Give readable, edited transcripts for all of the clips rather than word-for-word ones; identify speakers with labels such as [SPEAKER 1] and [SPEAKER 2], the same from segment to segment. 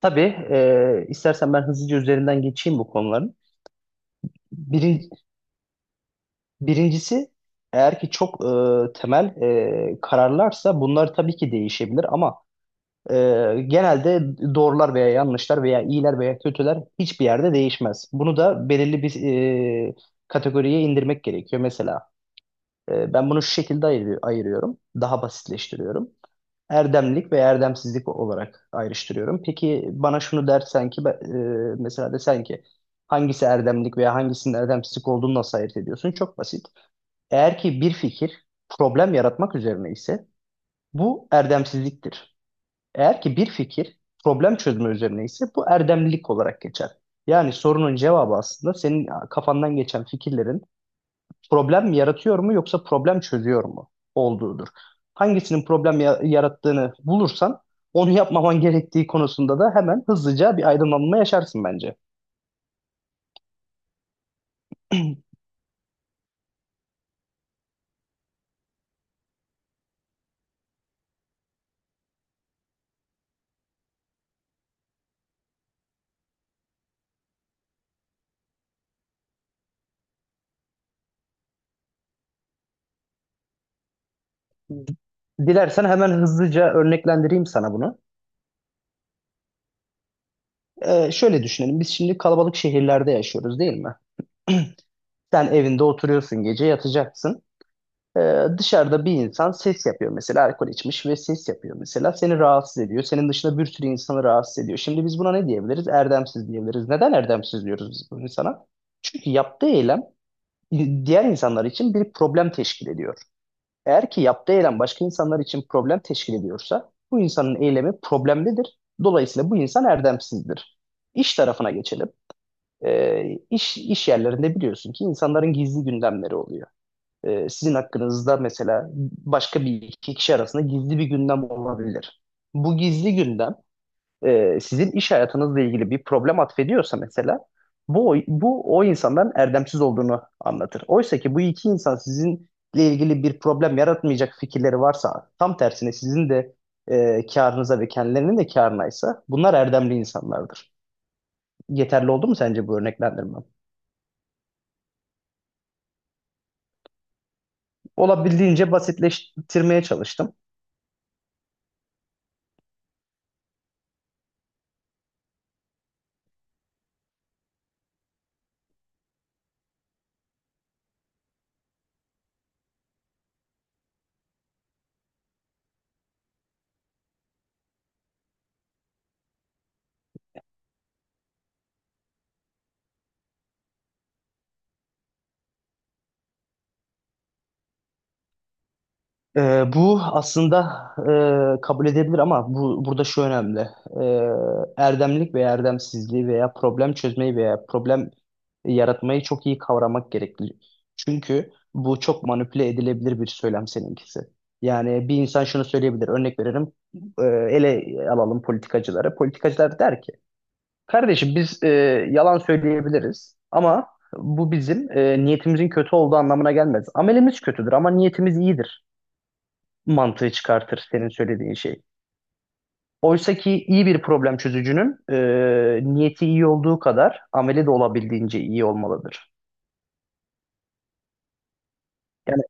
[SPEAKER 1] Tabii istersen ben hızlıca üzerinden geçeyim bu konuların. Birin- Birincisi eğer ki çok temel kararlarsa bunlar tabii ki değişebilir ama e, genelde doğrular veya yanlışlar veya iyiler veya kötüler hiçbir yerde değişmez. Bunu da belirli bir e, kategoriye indirmek gerekiyor. Mesela ben bunu şu şekilde ayırıyorum, daha basitleştiriyorum. Erdemlik ve erdemsizlik olarak ayrıştırıyorum. Peki bana şunu dersen ki mesela desen ki hangisi erdemlik veya hangisinin erdemsizlik olduğunu nasıl ayırt ediyorsun? Çok basit. Eğer ki bir fikir problem yaratmak üzerine ise bu erdemsizliktir. Eğer ki bir fikir problem çözme üzerine ise bu erdemlilik olarak geçer. Yani sorunun cevabı aslında senin kafandan geçen fikirlerin problem yaratıyor mu yoksa problem çözüyor mu olduğudur. Hangisinin yarattığını bulursan onu yapmaman gerektiği konusunda da hemen hızlıca bir aydınlanma yaşarsın bence. Dilersen hemen hızlıca örneklendireyim sana bunu. Şöyle düşünelim. Biz şimdi kalabalık şehirlerde yaşıyoruz değil mi? Sen evinde oturuyorsun, gece yatacaksın. Dışarıda bir insan ses yapıyor, mesela alkol içmiş ve ses yapıyor, mesela seni rahatsız ediyor. Senin dışında bir sürü insanı rahatsız ediyor. Şimdi biz buna ne diyebiliriz? Erdemsiz diyebiliriz. Neden erdemsiz diyoruz biz bu insana? Çünkü yaptığı eylem diğer insanlar için bir problem teşkil ediyor. Eğer ki yaptığı eylem başka insanlar için problem teşkil ediyorsa bu insanın eylemi problemlidir. Dolayısıyla bu insan erdemsizdir. İş tarafına geçelim. İş, iş yerlerinde biliyorsun ki insanların gizli gündemleri oluyor, sizin hakkınızda mesela başka bir iki kişi arasında gizli bir gündem olabilir. Bu gizli gündem sizin iş hayatınızla ilgili bir problem atfediyorsa mesela bu o insandan erdemsiz olduğunu anlatır. Oysa ki bu iki insan sizinle ilgili bir problem yaratmayacak fikirleri varsa, tam tersine sizin de karınıza ve kendilerinin de karınaysa bunlar erdemli insanlardır. Yeterli oldu mu sence bu örneklendirmem? Olabildiğince basitleştirmeye çalıştım. Bu aslında kabul edebilir ama bu burada şu önemli. Ee, Erdemlik ve erdemsizliği veya problem çözmeyi veya problem yaratmayı çok iyi kavramak gerekli. Çünkü bu çok manipüle edilebilir bir söylem seninkisi. Yani bir insan şunu söyleyebilir. Örnek veririm. Ele alalım politikacıları. Politikacılar der ki, kardeşim biz yalan söyleyebiliriz ama bu bizim niyetimizin kötü olduğu anlamına gelmez. Amelimiz kötüdür ama niyetimiz iyidir mantığı çıkartır senin söylediğin şey. Oysa ki iyi bir problem çözücünün niyeti iyi olduğu kadar ameli de olabildiğince iyi olmalıdır. Yani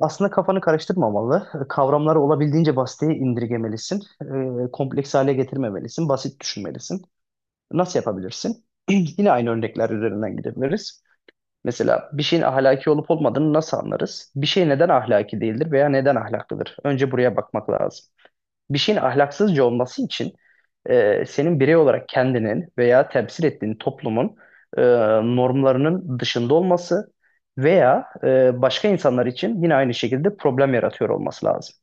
[SPEAKER 1] aslında kafanı karıştırmamalı. Kavramları olabildiğince basite indirgemelisin. Kompleks hale getirmemelisin. Basit düşünmelisin. Nasıl yapabilirsin? Yine aynı örnekler üzerinden gidebiliriz. Mesela bir şeyin ahlaki olup olmadığını nasıl anlarız? Bir şey neden ahlaki değildir veya neden ahlaklıdır? Önce buraya bakmak lazım. Bir şeyin ahlaksızca olması için senin birey olarak kendinin veya temsil ettiğin toplumun e, normlarının dışında olması veya başka insanlar için yine aynı şekilde problem yaratıyor olması lazım.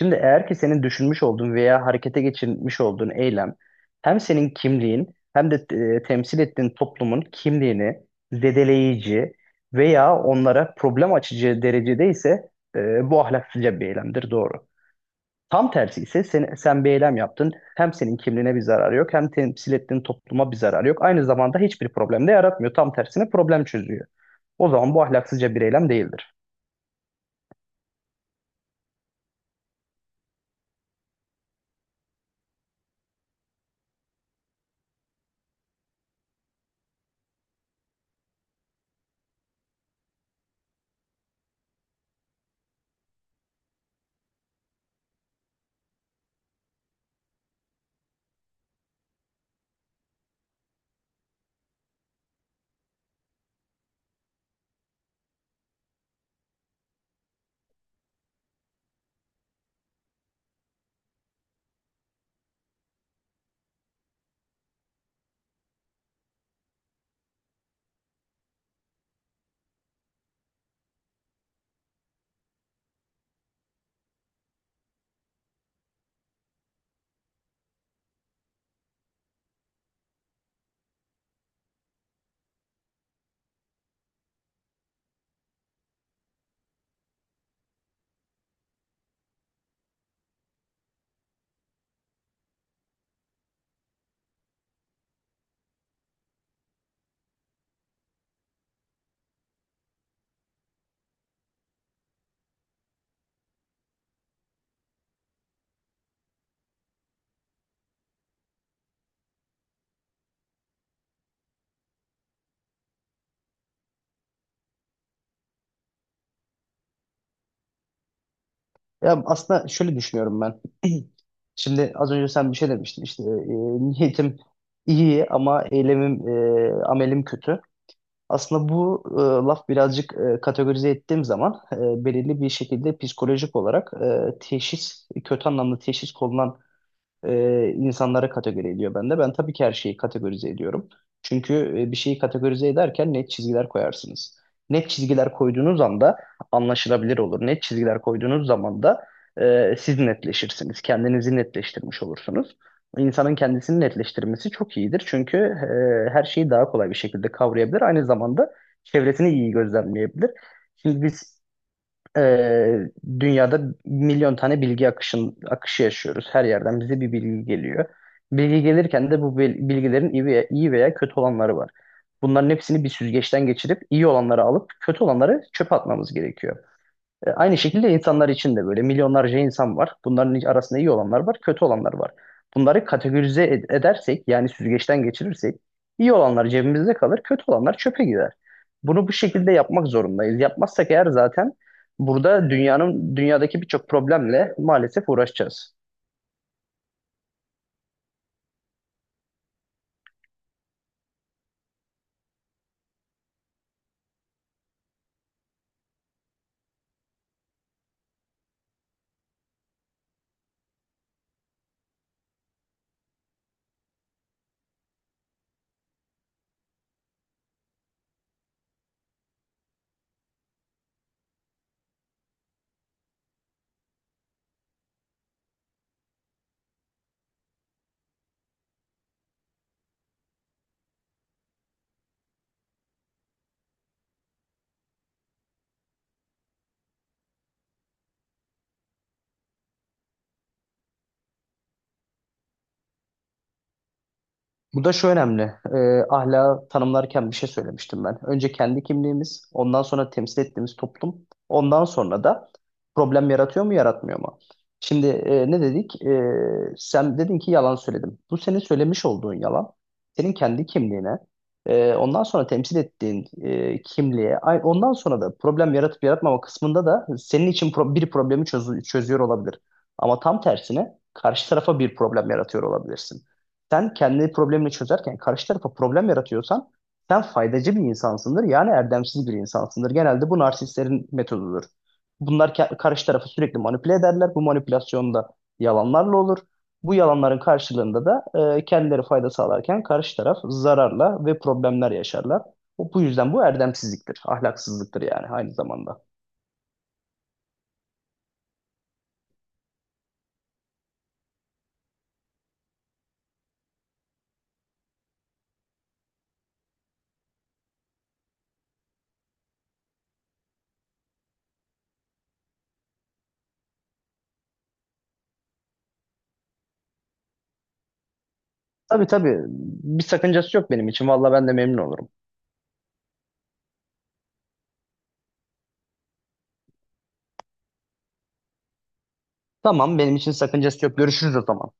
[SPEAKER 1] Şimdi eğer ki senin düşünmüş olduğun veya harekete geçirmiş olduğun eylem hem senin kimliğin hem de temsil ettiğin toplumun kimliğini zedeleyici veya onlara problem açıcı derecede ise bu ahlaksızca bir eylemdir, doğru. Tam tersi ise sen bir eylem yaptın. Hem senin kimliğine bir zararı yok, hem temsil ettiğin topluma bir zararı yok. Aynı zamanda hiçbir problem de yaratmıyor. Tam tersine problem çözüyor. O zaman bu ahlaksızca bir eylem değildir. Ya aslında şöyle düşünüyorum ben. Şimdi az önce sen bir şey demiştin işte niyetim iyi ama eylemim amelim kötü. Aslında bu laf birazcık, kategorize ettiğim zaman belirli bir şekilde psikolojik olarak teşhis, kötü anlamda teşhis konulan insanlara kategori ediyor bende. Ben tabii ki her şeyi kategorize ediyorum. Çünkü bir şeyi kategorize ederken net çizgiler koyarsınız. Net çizgiler koyduğunuz anda anlaşılabilir olur. Net çizgiler koyduğunuz zaman da siz netleşirsiniz. Kendinizi netleştirmiş olursunuz. İnsanın kendisini netleştirmesi çok iyidir. Çünkü her şeyi daha kolay bir şekilde kavrayabilir. Aynı zamanda çevresini iyi gözlemleyebilir. Şimdi biz ee, dünyada milyon tane akışı yaşıyoruz. Her yerden bize bir bilgi geliyor. Bilgi gelirken de bilgilerin iyi veya kötü olanları var. Bunların hepsini bir süzgeçten geçirip iyi olanları alıp kötü olanları çöpe atmamız gerekiyor. Aynı şekilde insanlar için de böyle milyonlarca insan var. Bunların arasında iyi olanlar var, kötü olanlar var. Bunları edersek, yani süzgeçten geçirirsek, iyi olanlar cebimizde kalır, kötü olanlar çöpe gider. Bunu bu şekilde yapmak zorundayız. Yapmazsak eğer zaten burada dünyadaki birçok problemle maalesef uğraşacağız. Bu da şu önemli. Ahlakı tanımlarken bir şey söylemiştim ben. Önce kendi kimliğimiz, ondan sonra temsil ettiğimiz toplum, ondan sonra da problem yaratıyor mu, yaratmıyor mu? Şimdi ne dedik? Sen dedin ki yalan söyledim. Bu senin söylemiş olduğun yalan, senin kendi kimliğine, ondan sonra temsil ettiğin kimliğe, ondan sonra da problem yaratıp yaratmama kısmında da senin için bir problemi çözüyor olabilir. Ama tam tersine karşı tarafa bir problem yaratıyor olabilirsin. Sen kendi problemini çözerken karşı tarafa problem yaratıyorsan sen faydacı bir insansındır. Yani erdemsiz bir insansındır. Genelde bu narsistlerin metodudur. Karşı tarafı sürekli manipüle ederler. Bu manipülasyon da yalanlarla olur. Bu yalanların karşılığında da kendileri fayda sağlarken karşı taraf zararla ve problemler yaşarlar. Bu yüzden bu erdemsizliktir, ahlaksızlıktır yani aynı zamanda. Tabii, tabii, bir sakıncası yok benim için. Valla ben de memnun olurum. Tamam, benim için sakıncası yok. Görüşürüz o zaman.